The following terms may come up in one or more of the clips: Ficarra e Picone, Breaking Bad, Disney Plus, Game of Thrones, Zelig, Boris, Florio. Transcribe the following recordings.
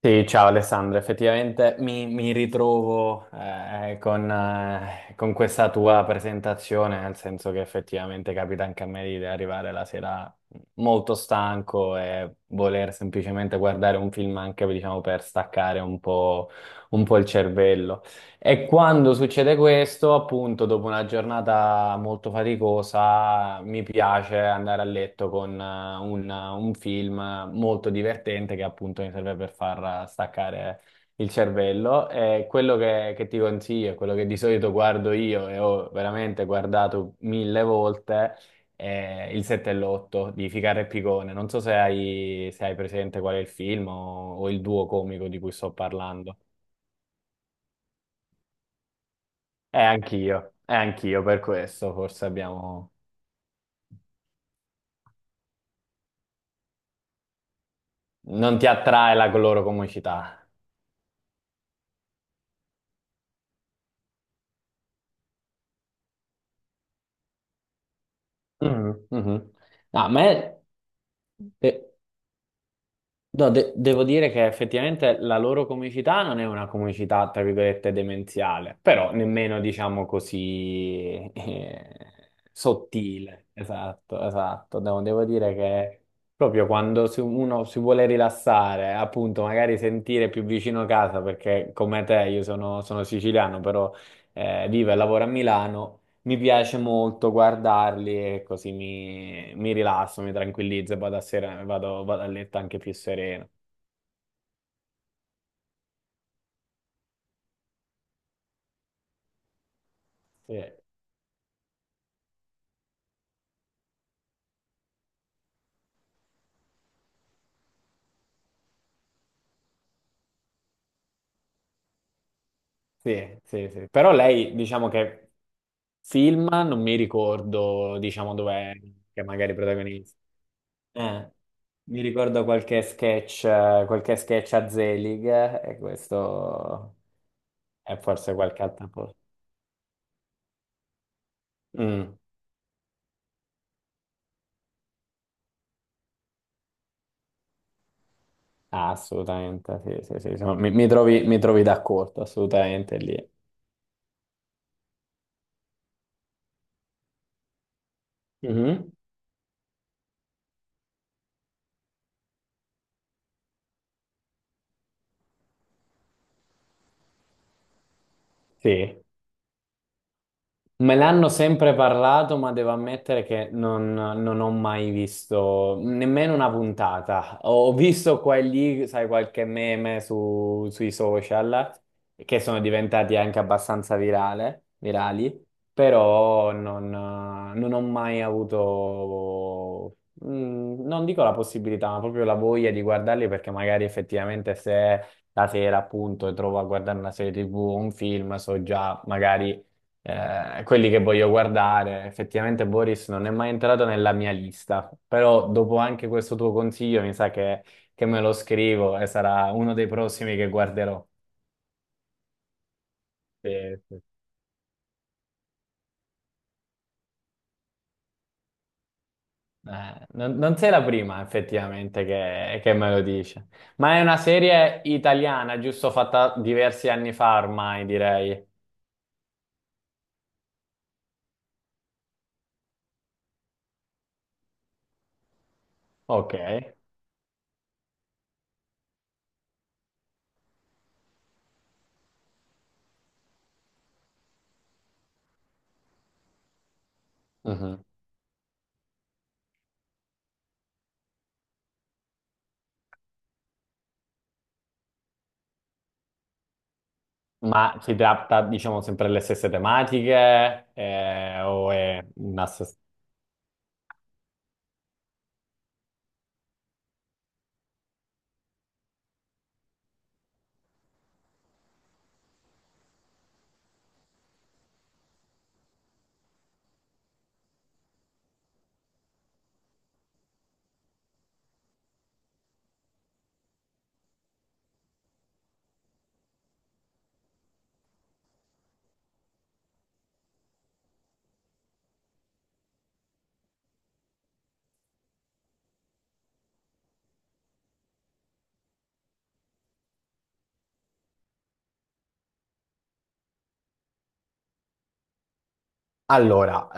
Sì, ciao Alessandro, effettivamente mi ritrovo con questa tua presentazione, nel senso che effettivamente capita anche a me di arrivare la sera molto stanco e voler semplicemente guardare un film anche diciamo, per staccare un po' il cervello. E quando succede questo, appunto, dopo una giornata molto faticosa, mi piace andare a letto con un film molto divertente che appunto mi serve per far staccare il cervello. E quello che ti consiglio, quello che di solito guardo io e ho veramente guardato mille volte, è Il 7 e l'8 di Ficarra e Picone. Non so se hai, se hai presente qual è il film o il duo comico di cui sto parlando. E anch'io per questo forse abbiamo... Non ti attrae la loro comicità. Mhm, mhm. No, a me... eh, No, devo dire che effettivamente la loro comicità non è una comicità, tra virgolette, demenziale, però nemmeno, diciamo così, sottile. Esatto, esatto. Devo dire che proprio quando uno si vuole rilassare, appunto, magari sentire più vicino casa, perché come te io sono, sono siciliano, però vivo e lavoro a Milano, mi piace molto guardarli e così mi rilasso, mi tranquillizzo e vado a, vado, vado a letto anche più sereno. Sì, sì, sì, sì. Però lei, diciamo che film, non mi ricordo, diciamo, dov'è che magari protagonista. Eh, mi ricordo qualche sketch a Zelig e questo è forse qualche altra cosa. Mm, ah, assolutamente, sì, sì, sì, sono- mi trovi d'accordo, assolutamente lì. Mhm. Sì. Me l'hanno sempre parlato, ma devo ammettere che non, non ho mai visto nemmeno una puntata. Ho visto qua e lì, sai, qualche meme sui social che sono diventati anche abbastanza virali, però non, non ho mai avuto, non dico la possibilità, ma proprio la voglia di guardarli perché magari effettivamente se la sera appunto trovo a guardare una serie TV o un film, so già magari quelli che voglio guardare. Effettivamente Boris non è mai entrato nella mia lista, però dopo anche questo tuo consiglio mi sa che me lo scrivo e sarà uno dei prossimi che guarderò. Sì, sì. Non, non sei la prima effettivamente che me lo dice, ma è una serie italiana, giusto fatta diversi anni fa ormai, direi. Ok. Mhm. Ma si tratta, diciamo, sempre delle stesse tematiche, o è una... Allora,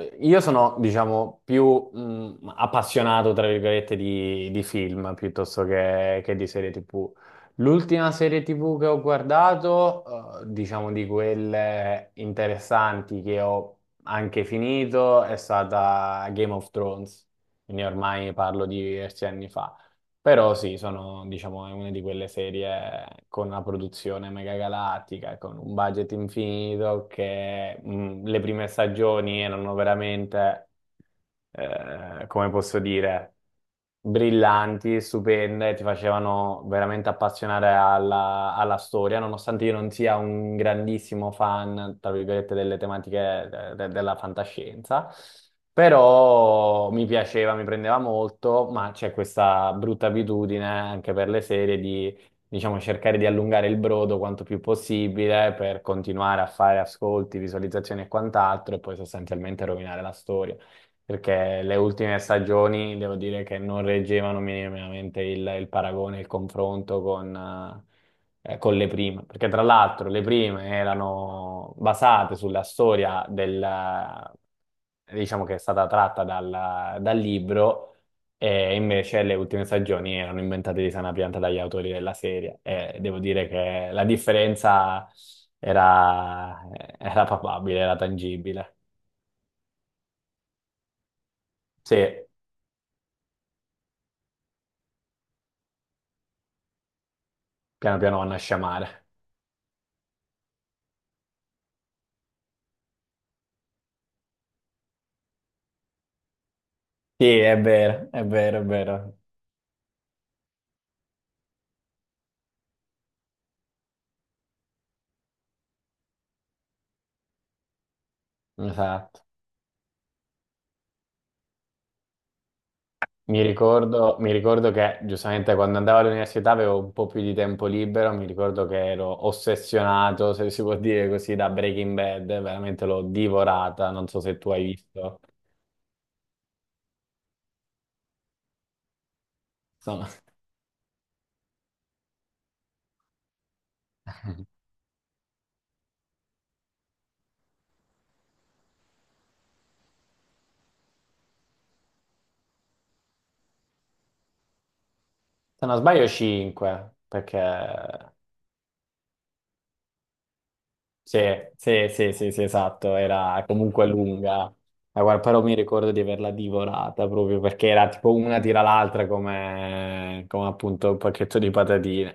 io sono, diciamo, più appassionato, tra virgolette, di film piuttosto che di serie TV. L'ultima serie TV che ho guardato, diciamo di quelle interessanti che ho anche finito, è stata Game of Thrones. Quindi ormai parlo di diversi anni fa. Però sì, sono, diciamo, è una di quelle serie con una produzione megagalattica, con un budget infinito, che le prime stagioni erano veramente, come posso dire, brillanti, stupende, ti facevano veramente appassionare alla, alla storia, nonostante io non sia un grandissimo fan, tra virgolette, delle tematiche della fantascienza. Però mi piaceva, mi prendeva molto, ma c'è questa brutta abitudine anche per le serie di, diciamo, cercare di allungare il brodo quanto più possibile per continuare a fare ascolti, visualizzazioni e quant'altro, e poi sostanzialmente rovinare la storia. Perché le ultime stagioni devo dire che non reggevano minimamente il paragone, il confronto con le prime, perché tra l'altro le prime erano basate sulla storia del, diciamo che è stata tratta dal, dal libro, e invece le ultime stagioni erano inventate di sana pianta dagli autori della serie. E devo dire che la differenza era, era palpabile, era tangibile. Sì, piano piano vanno a sciamare. Sì, è vero, è vero, è vero. Esatto. Mi ricordo che giustamente quando andavo all'università avevo un po' più di tempo libero, mi ricordo che ero ossessionato, se si può dire così, da Breaking Bad, veramente l'ho divorata, non so se tu hai visto. Sono- se non sbaglio 5, perché sì, sì, sì, sì, sì, esatto, era comunque lunga. Ma guarda, però mi ricordo di averla divorata proprio perché era tipo una tira l'altra come, come appunto un pacchetto di patatine.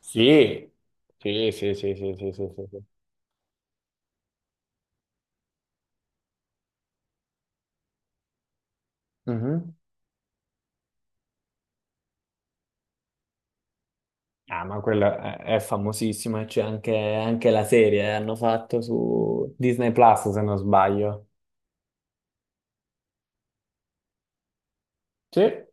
Sì, sì, sì, sì, sì, sì, sì, sì, sì. Mhm. Ah, ma quella è famosissima, c'è anche, anche la serie, hanno fatto su Disney Plus, se non sbaglio. Sì,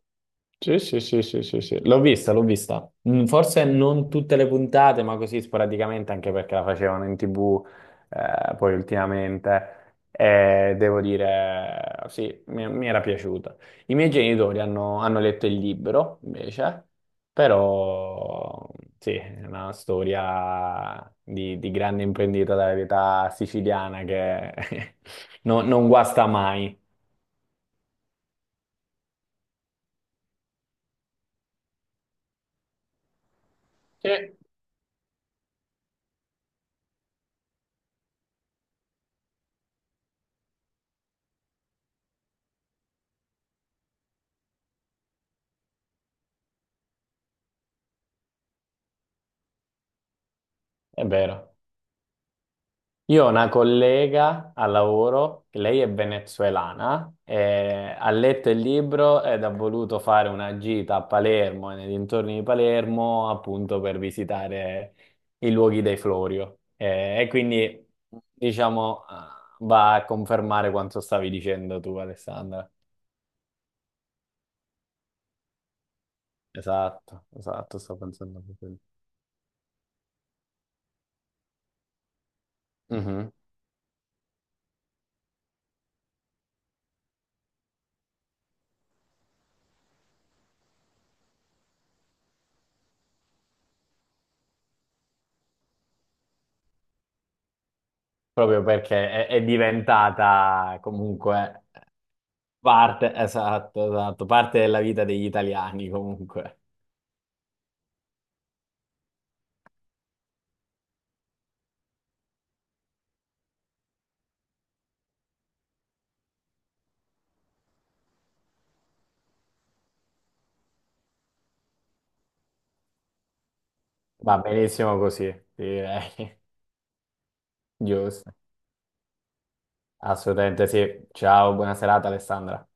sì, sì, sì, sì, sì, sì. L'ho vista, l'ho vista. Mm, forse non tutte le puntate, ma così sporadicamente, anche perché la facevano in TV, poi ultimamente. E devo dire, sì, mi era piaciuta. I miei genitori hanno letto il libro, invece, però sì, è una storia di grande imprendita della vita siciliana che non non guasta mai. Sì. È vero. Io ho una collega al lavoro, che lei è venezuelana, e ha letto il libro ed ha voluto fare una gita a Palermo e nei dintorni di Palermo appunto per visitare i luoghi dei Florio. E, quindi, diciamo, va a confermare quanto stavi dicendo tu, Alessandra. Esatto, esatto, sto pensando proprio a quello. Mhm. Proprio perché è diventata comunque... Parte, esatto, esatto, parte della vita degli italiani comunque. Va benissimo così, direi. Giusto. Assolutamente sì. Ciao, buona serata Alessandra.